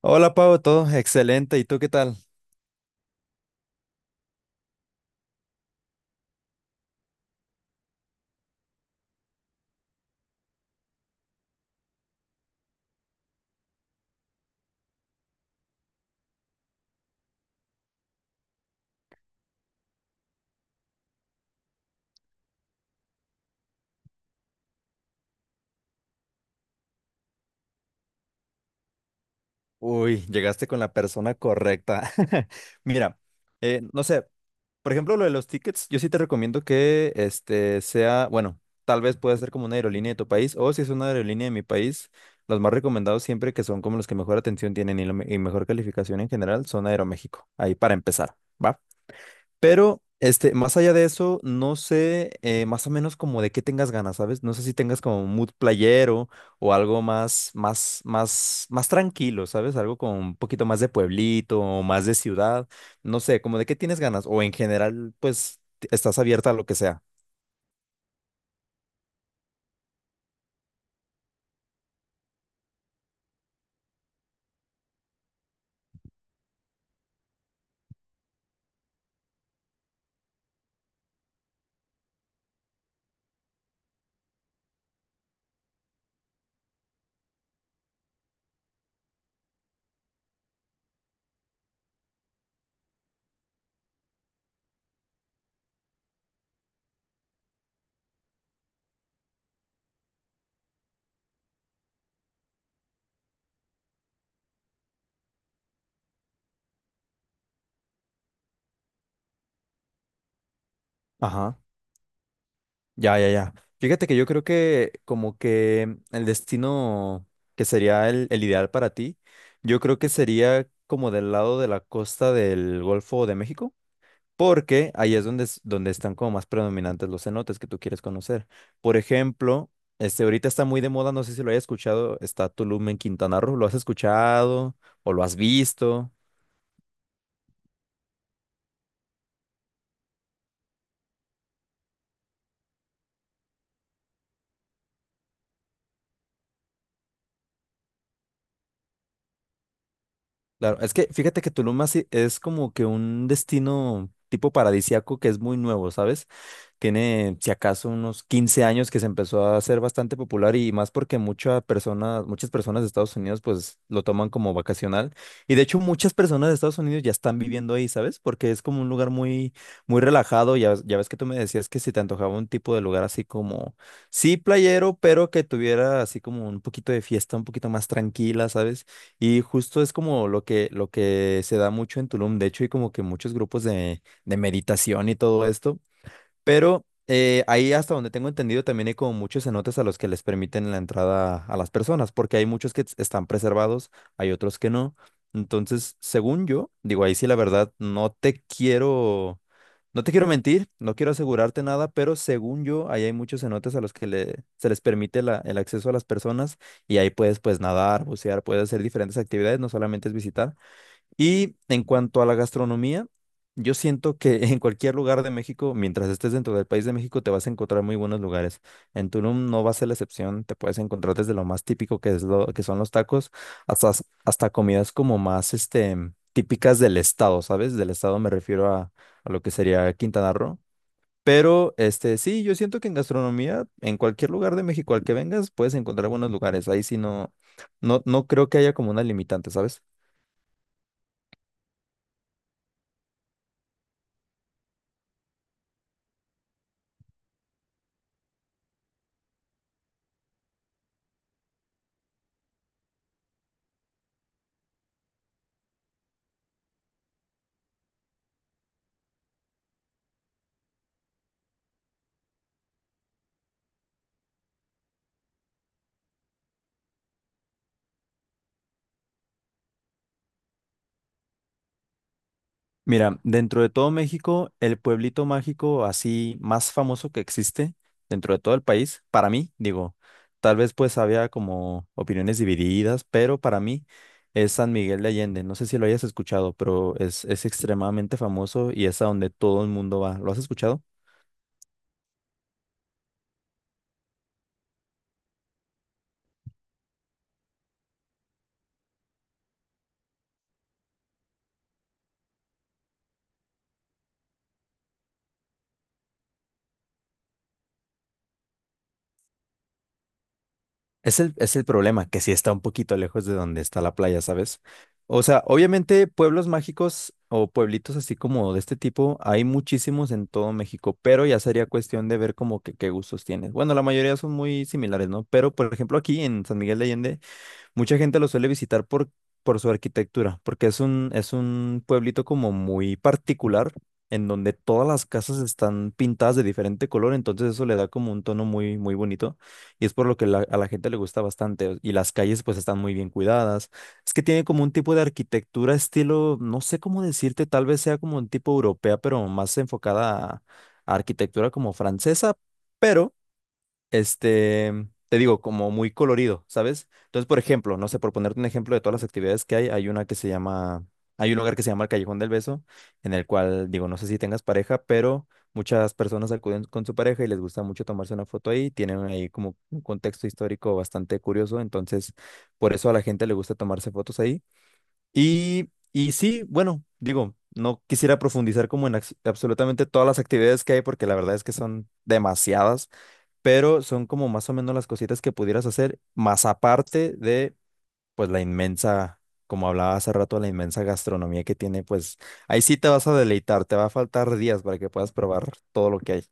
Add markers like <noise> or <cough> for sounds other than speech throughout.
Hola Pau, todo excelente. ¿Y tú qué tal? Uy, llegaste con la persona correcta. <laughs> Mira, no sé, por ejemplo, lo de los tickets, yo sí te recomiendo que este sea, bueno, tal vez pueda ser como una aerolínea de tu país o si es una aerolínea de mi país, los más recomendados siempre que son como los que mejor atención tienen y, y mejor calificación en general son Aeroméxico. Ahí para empezar, ¿va? Pero, este, más allá de eso, no sé más o menos como de qué tengas ganas, ¿sabes? No sé si tengas como un mood playero o algo más, más tranquilo, ¿sabes? Algo con un poquito más de pueblito o más de ciudad. No sé, como de qué tienes ganas. O en general, pues, estás abierta a lo que sea. Ajá. Ya, ya, ya. Fíjate que yo creo que como que el destino que sería el ideal para ti, yo creo que sería como del lado de la costa del Golfo de México. Porque ahí es donde, donde están como más predominantes los cenotes que tú quieres conocer. Por ejemplo, este ahorita está muy de moda, no sé si lo hayas escuchado, está Tulum en Quintana Roo. ¿Lo has escuchado o lo has visto? Claro, es que fíjate que Tulum así es como que un destino tipo paradisiaco que es muy nuevo, ¿sabes? Tiene, si acaso, unos 15 años que se empezó a hacer bastante popular y más porque muchas personas de Estados Unidos pues lo toman como vacacional. Y de hecho muchas personas de Estados Unidos ya están viviendo ahí, ¿sabes? Porque es como un lugar muy, muy relajado. Ya, ya ves que tú me decías que si te antojaba un tipo de lugar así como, sí, playero, pero que tuviera así como un poquito de fiesta, un poquito más tranquila, ¿sabes? Y justo es como lo que se da mucho en Tulum, de hecho, y como que muchos grupos de meditación y todo esto pero ahí hasta donde tengo entendido también hay como muchos cenotes a los que les permiten la entrada a las personas, porque hay muchos que están preservados, hay otros que no. Entonces, según yo, digo, ahí sí la verdad, no te quiero, no te quiero mentir, no quiero asegurarte nada, pero según yo, ahí hay muchos cenotes a los que se les permite el acceso a las personas y ahí puedes pues nadar, bucear, puedes hacer diferentes actividades, no solamente es visitar. Y en cuanto a la gastronomía, yo siento que <laughs> en cualquier lugar de México, mientras estés dentro del país de México, te vas a encontrar muy buenos lugares. En Tulum no va a ser la excepción, te puedes encontrar desde lo más típico que es lo que son los tacos, hasta comidas como más este, típicas del estado, ¿sabes? Del estado me refiero a lo que sería Quintana Roo. Pero este sí, yo siento que en gastronomía, en cualquier lugar de México al que vengas, puedes encontrar buenos lugares. Ahí sí no, no creo que haya como una limitante, ¿sabes? Mira, dentro de todo México, el pueblito mágico así más famoso que existe dentro de todo el país, para mí, digo, tal vez pues había como opiniones divididas, pero para mí es San Miguel de Allende. No sé si lo hayas escuchado, pero es extremadamente famoso y es a donde todo el mundo va. ¿Lo has escuchado? Es el problema, que sí está un poquito lejos de donde está la playa, ¿sabes? O sea, obviamente pueblos mágicos o pueblitos así como de este tipo hay muchísimos en todo México, pero ya sería cuestión de ver como que qué gustos tienes. Bueno, la mayoría son muy similares, ¿no? Pero, por ejemplo, aquí en San Miguel de Allende mucha gente lo suele visitar por su arquitectura, porque es un pueblito como muy particular, en donde todas las casas están pintadas de diferente color, entonces eso le da como un tono muy, muy bonito, y es por lo que a la gente le gusta bastante, y las calles pues están muy bien cuidadas. Es que tiene como un tipo de arquitectura, estilo, no sé cómo decirte, tal vez sea como un tipo europea, pero más enfocada a arquitectura como francesa, pero este, te digo, como muy colorido, ¿sabes? Entonces, por ejemplo, no sé, por ponerte un ejemplo de todas las actividades que hay una que se llama, hay un lugar que se llama el Callejón del Beso, en el cual, digo, no sé si tengas pareja, pero muchas personas acuden con su pareja y les gusta mucho tomarse una foto ahí, tienen ahí como un contexto histórico bastante curioso, entonces, por eso a la gente le gusta tomarse fotos ahí. Y sí, bueno, digo... No quisiera profundizar como en absolutamente todas las actividades que hay porque la verdad es que son demasiadas pero son como más o menos las cositas que pudieras hacer, más aparte de, pues, la inmensa, como hablaba hace rato, la inmensa gastronomía que tiene, pues, ahí sí te vas a deleitar, te va a faltar días para que puedas probar todo lo que hay.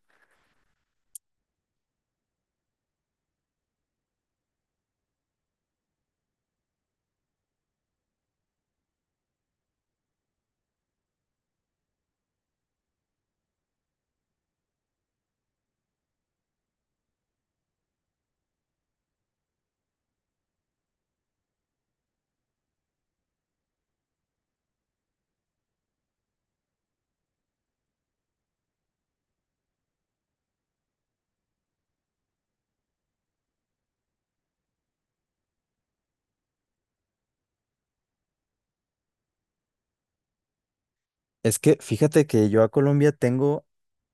Es que fíjate que yo a Colombia tengo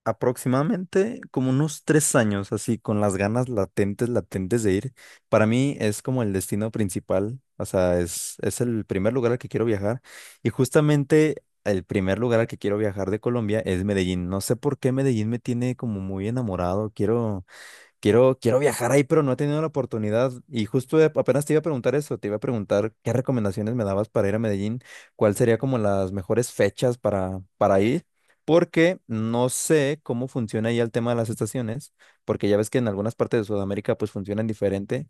aproximadamente como unos 3 años, así con las ganas latentes, latentes de ir. Para mí es como el destino principal, o sea, es el primer lugar al que quiero viajar. Y justamente el primer lugar al que quiero viajar de Colombia es Medellín. No sé por qué Medellín me tiene como muy enamorado. Quiero... Quiero, quiero viajar ahí, pero no he tenido la oportunidad. Y justo apenas te iba a preguntar eso, te iba a preguntar qué recomendaciones me dabas para ir a Medellín, cuál sería como las mejores fechas para ir, porque no sé cómo funciona ahí el tema de las estaciones, porque ya ves que en algunas partes de Sudamérica pues funcionan diferente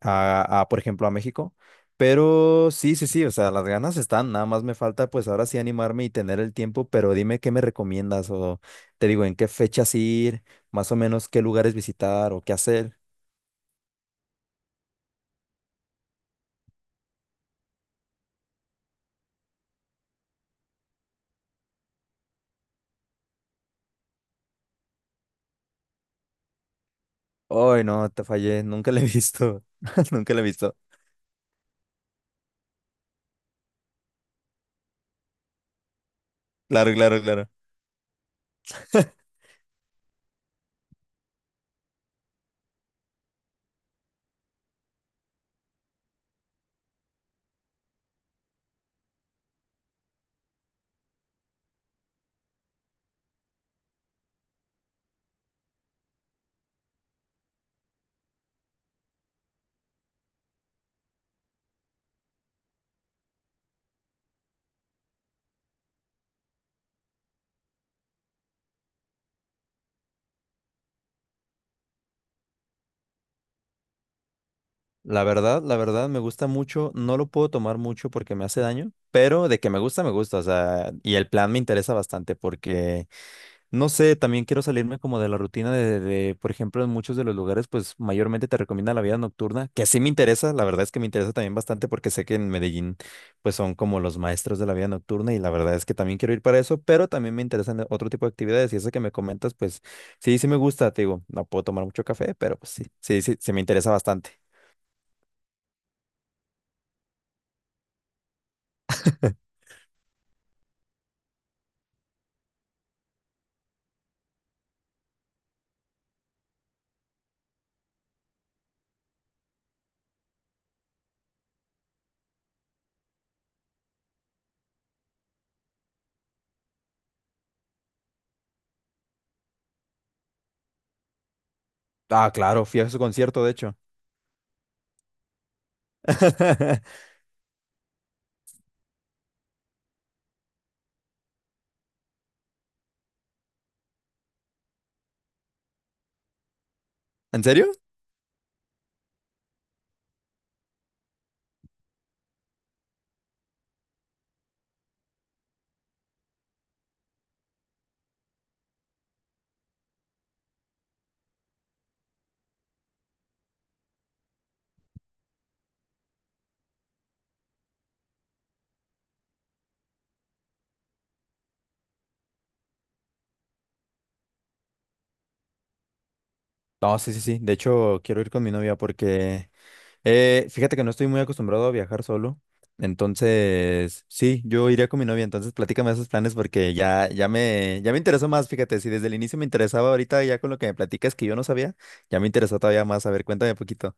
por ejemplo, a México. Pero sí, sí, sí, o sea, las ganas están, nada más me falta pues ahora sí animarme y tener el tiempo, pero dime qué me recomiendas o te digo en qué fechas ir, más o menos qué lugares visitar o qué hacer. Ay, no, te fallé, nunca la he visto, <laughs> nunca la he visto. Claro, claro, claro. <laughs> La verdad me gusta mucho, no lo puedo tomar mucho porque me hace daño, pero de que me gusta, o sea, y el plan me interesa bastante porque no sé, también quiero salirme como de la rutina de, por ejemplo, en muchos de los lugares, pues mayormente te recomienda la vida nocturna, que sí me interesa, la verdad es que me interesa también bastante porque sé que en Medellín, pues son como los maestros de la vida nocturna y la verdad es que también quiero ir para eso, pero también me interesan otro tipo de actividades y eso que me comentas, pues sí, sí me gusta, te digo, no puedo tomar mucho café, pero pues sí, sí me interesa bastante. <laughs> Ah, claro, fui a su concierto, de hecho. <laughs> ¿En serio? No, sí, sí, sí. De hecho, quiero ir con mi novia porque fíjate que no estoy muy acostumbrado a viajar solo. Entonces, sí, yo iría con mi novia. Entonces, platícame esos planes porque ya, ya me interesó más. Fíjate, si desde el inicio me interesaba ahorita ya con lo que me platicas que yo no sabía, ya me interesó todavía más. A ver, cuéntame un poquito.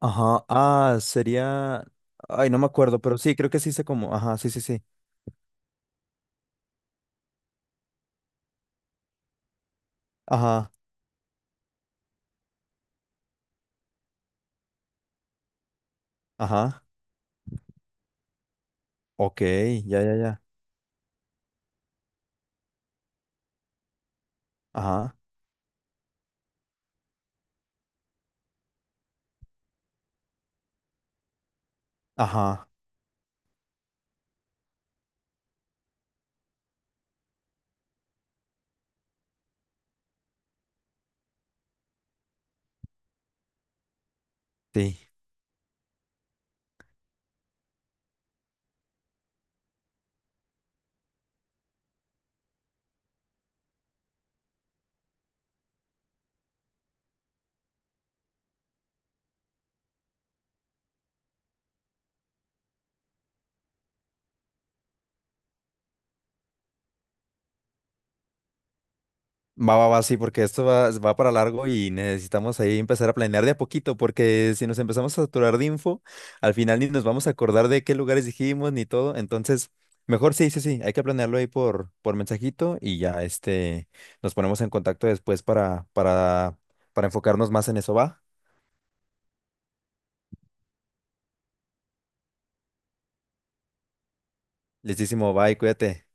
Ajá, ah, sería, ay, no me acuerdo, pero sí, creo que sí sé cómo. Ajá, sí, sí, sí. Ajá, ajá. Ok, ya, ya, ya. Ajá, ajá. Sí. Va, va, va, sí, porque esto va, va para largo y necesitamos ahí empezar a planear de a poquito, porque si nos empezamos a saturar de info, al final ni nos vamos a acordar de qué lugares dijimos ni todo. Entonces, mejor sí, sí, sí, hay que planearlo ahí por mensajito y ya este, nos ponemos en contacto después para enfocarnos más en eso, va. Listísimo, bye, cuídate.